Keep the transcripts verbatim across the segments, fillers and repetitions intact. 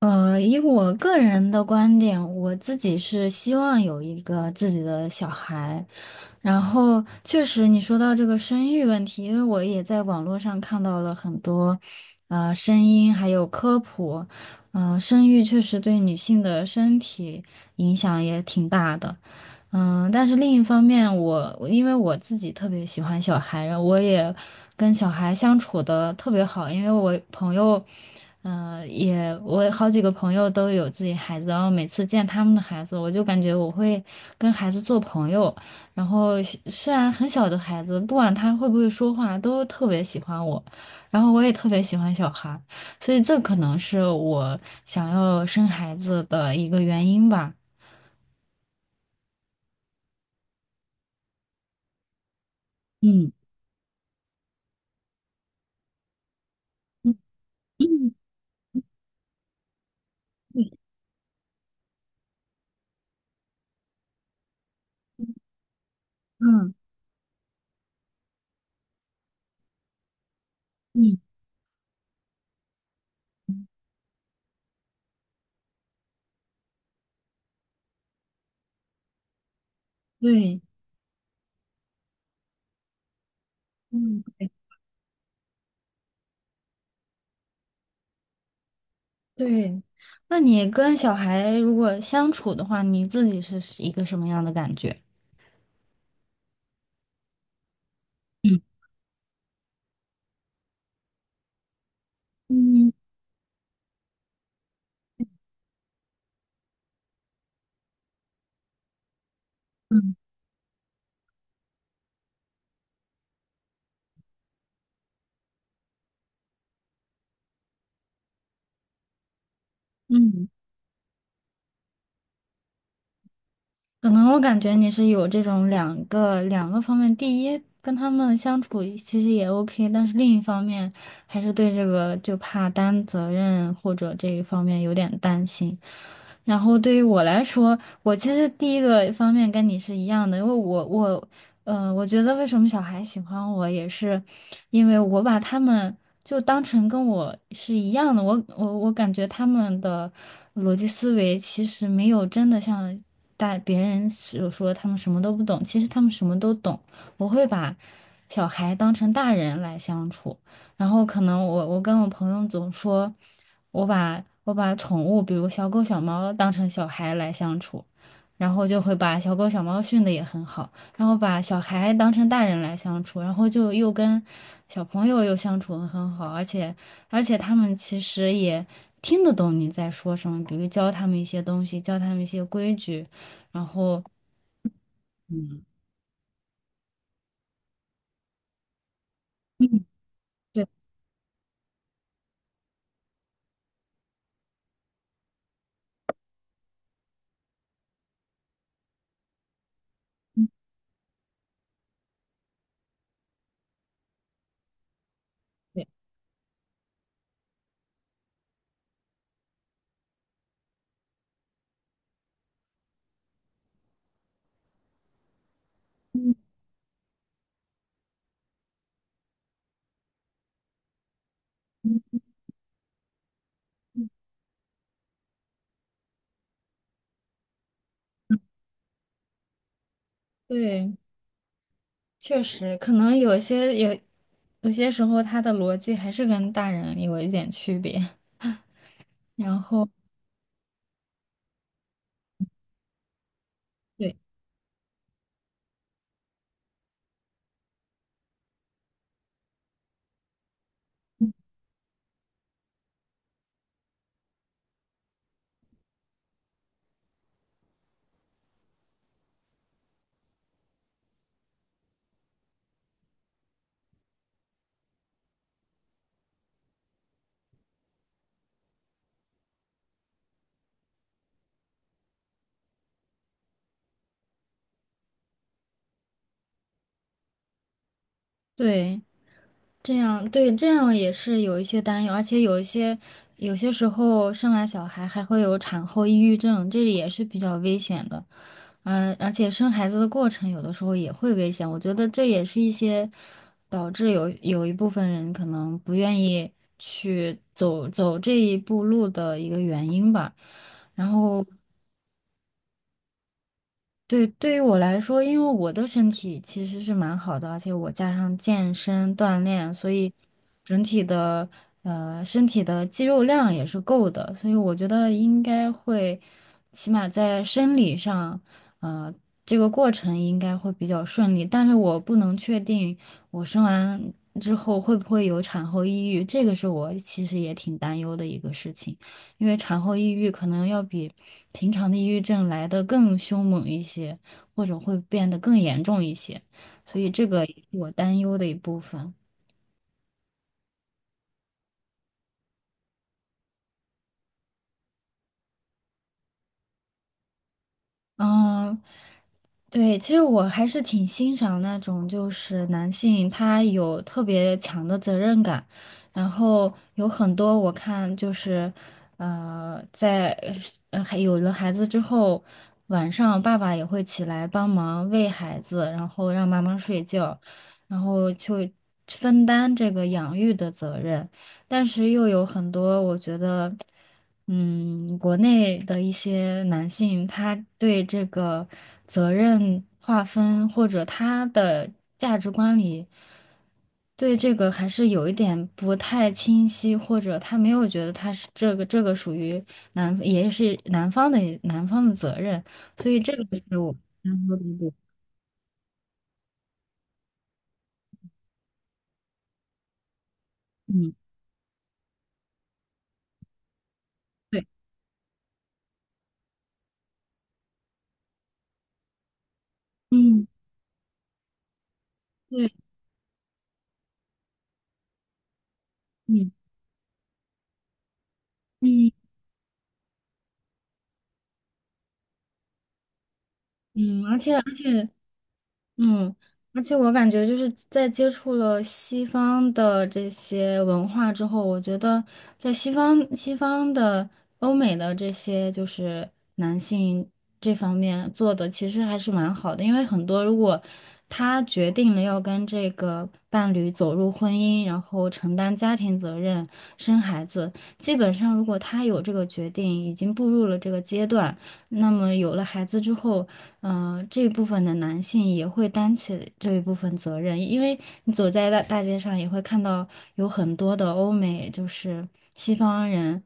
呃，以我个人的观点，我自己是希望有一个自己的小孩，然后确实，你说到这个生育问题，因为我也在网络上看到了很多，呃，声音还有科普。嗯、生育确实对女性的身体影响也挺大的。嗯，但是另一方面我，我因为我自己特别喜欢小孩，然后我也跟小孩相处的特别好，因为我朋友。嗯、也我好几个朋友都有自己孩子，然后每次见他们的孩子，我就感觉我会跟孩子做朋友，然后虽虽然很小的孩子，不管他会不会说话，都特别喜欢我，然后我也特别喜欢小孩，所以这可能是我想要生孩子的一个原因吧。嗯嗯嗯嗯，对，嗯，对。那你跟小孩如果相处的话，你自己是一个什么样的感觉？嗯嗯嗯嗯。可能我感觉你是有这种两个两个方面，第一，跟他们相处其实也 OK，但是另一方面还是对这个就怕担责任或者这一方面有点担心。然后对于我来说，我其实第一个方面跟你是一样的，因为我我呃，我觉得为什么小孩喜欢我也是因为我把他们。就当成跟我是一样的。我我我感觉他们的逻辑思维其实没有真的像大别人所说他们什么都不懂，其实他们什么都懂。我会把小孩当成大人来相处，然后可能我我跟我朋友总说，我把我把宠物，比如小狗小猫当成小孩来相处，然后就会把小狗小猫训得也很好。然后把小孩当成大人来相处，然后就又跟小朋友又相处的很好，而且而且他们其实也听得懂你在说什么，比如教他们一些东西，教他们一些规矩，然后嗯，对对嗯对，确实可能有些有有些时候他的逻辑还是跟大人有一点区别，然后对对。这样，对，这样也是有一些担忧，而且有一些有些时候生完小孩还会有产后抑郁症，这里也是比较危险的。嗯，而且生孩子的过程有的时候也会危险，我觉得这也是一些导致有有一部分人可能不愿意去走走这一步路的一个原因吧。然后对，对于我来说，因为我的身体其实是蛮好的，而且我加上健身锻炼，所以整体的呃身体的肌肉量也是够的，所以我觉得应该会，起码在生理上，呃，这个过程应该会比较顺利。但是我不能确定我生完之后会不会有产后抑郁，这个是我其实也挺担忧的一个事情。因为产后抑郁可能要比平常的抑郁症来的更凶猛一些，或者会变得更严重一些，所以这个也是我担忧的一部分。嗯，对，其实我还是挺欣赏那种，就是男性他有特别强的责任感，然后有很多我看就是，呃，在呃还有了孩子之后，晚上爸爸也会起来帮忙喂孩子，然后让妈妈睡觉，然后就分担这个养育的责任。但是又有很多，我觉得，嗯，国内的一些男性，他对这个责任划分或者他的价值观里，对这个还是有一点不太清晰，或者他没有觉得他是这个这个属于男，也是男方的男方的责任，所以这个是我难说的一点。嗯，对，嗯，对，嗯嗯嗯，而且而且。嗯，而且我感觉就是在接触了西方的这些文化之后，我觉得在西方、西方的欧美的这些就是男性这方面做的其实还是蛮好的，因为很多如果他决定了要跟这个伴侣走入婚姻，然后承担家庭责任、生孩子，基本上如果他有这个决定，已经步入了这个阶段。那么有了孩子之后，嗯、这一部分的男性也会担起这一部分责任，因为你走在大大街上也会看到有很多的欧美，就是西方人，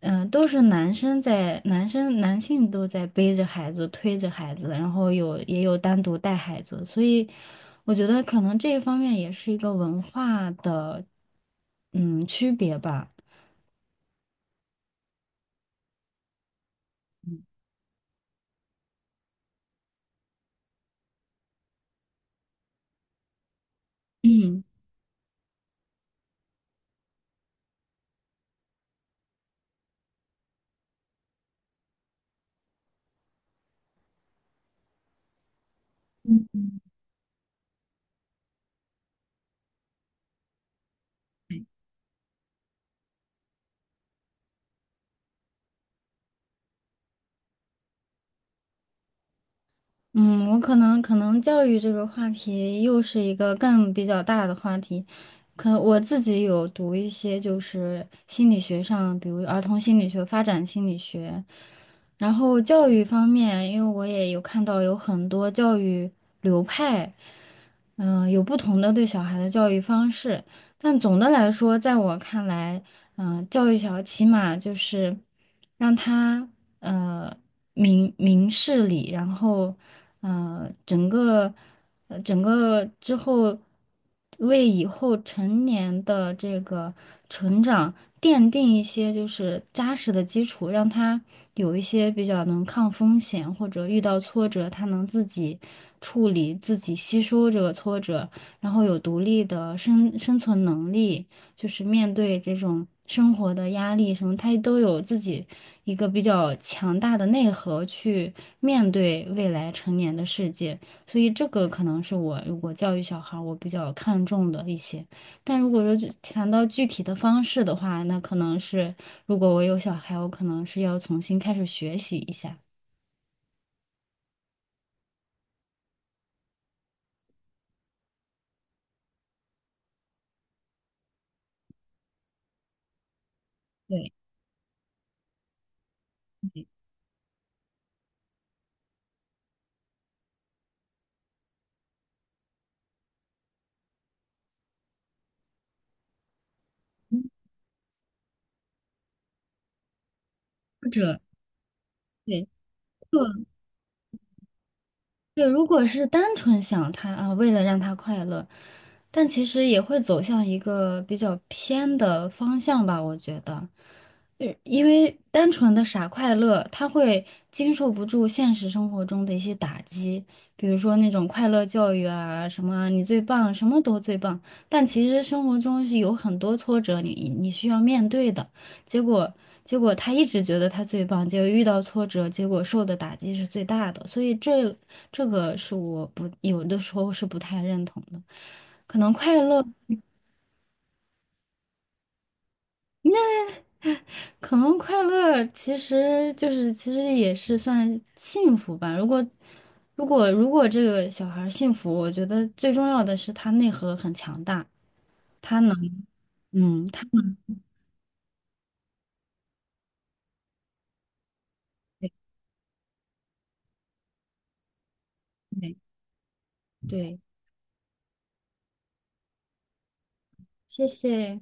嗯、都是男生在，男生男性都在背着孩子、推着孩子，然后有也有单独带孩子，所以我觉得可能这一方面也是一个文化的，嗯，区别吧。嗯。嗯，我可能可能教育这个话题又是一个更比较大的话题，可我自己有读一些就是心理学上，比如儿童心理学、发展心理学，然后教育方面，因为我也有看到有很多教育流派，嗯、有不同的对小孩的教育方式，但总的来说，在我看来。嗯、呃教育小起码就是让他呃明明事理，然后呃整个呃整个之后为以后成年的这个成长奠定一些就是扎实的基础，让他有一些比较能抗风险或者遇到挫折，他能自己处理、自己吸收这个挫折，然后有独立的生生存能力。就是面对这种生活的压力什么，他都有自己一个比较强大的内核去面对未来成年的世界。所以这个可能是我如果教育小孩儿我比较看重的一些。但如果说具谈到具体的方式的话，那可能是如果我有小孩，我可能是要重新开始学习一下，对，或者对。对，如果是单纯想他啊，为了让他快乐，但其实也会走向一个比较偏的方向吧，我觉得，呃因为单纯的傻快乐，他会经受不住现实生活中的一些打击，比如说那种快乐教育啊，什么啊你最棒，什么都最棒，但其实生活中是有很多挫折你你需要面对的。结果结果他一直觉得他最棒，结果遇到挫折，结果受的打击是最大的，所以这这个是我不有的时候是不太认同的。可能快乐，可能快乐其实就是其实也是算幸福吧。如果如果如果这个小孩儿幸福，我觉得最重要的是他内核很强大，他能嗯，他对对对，谢谢。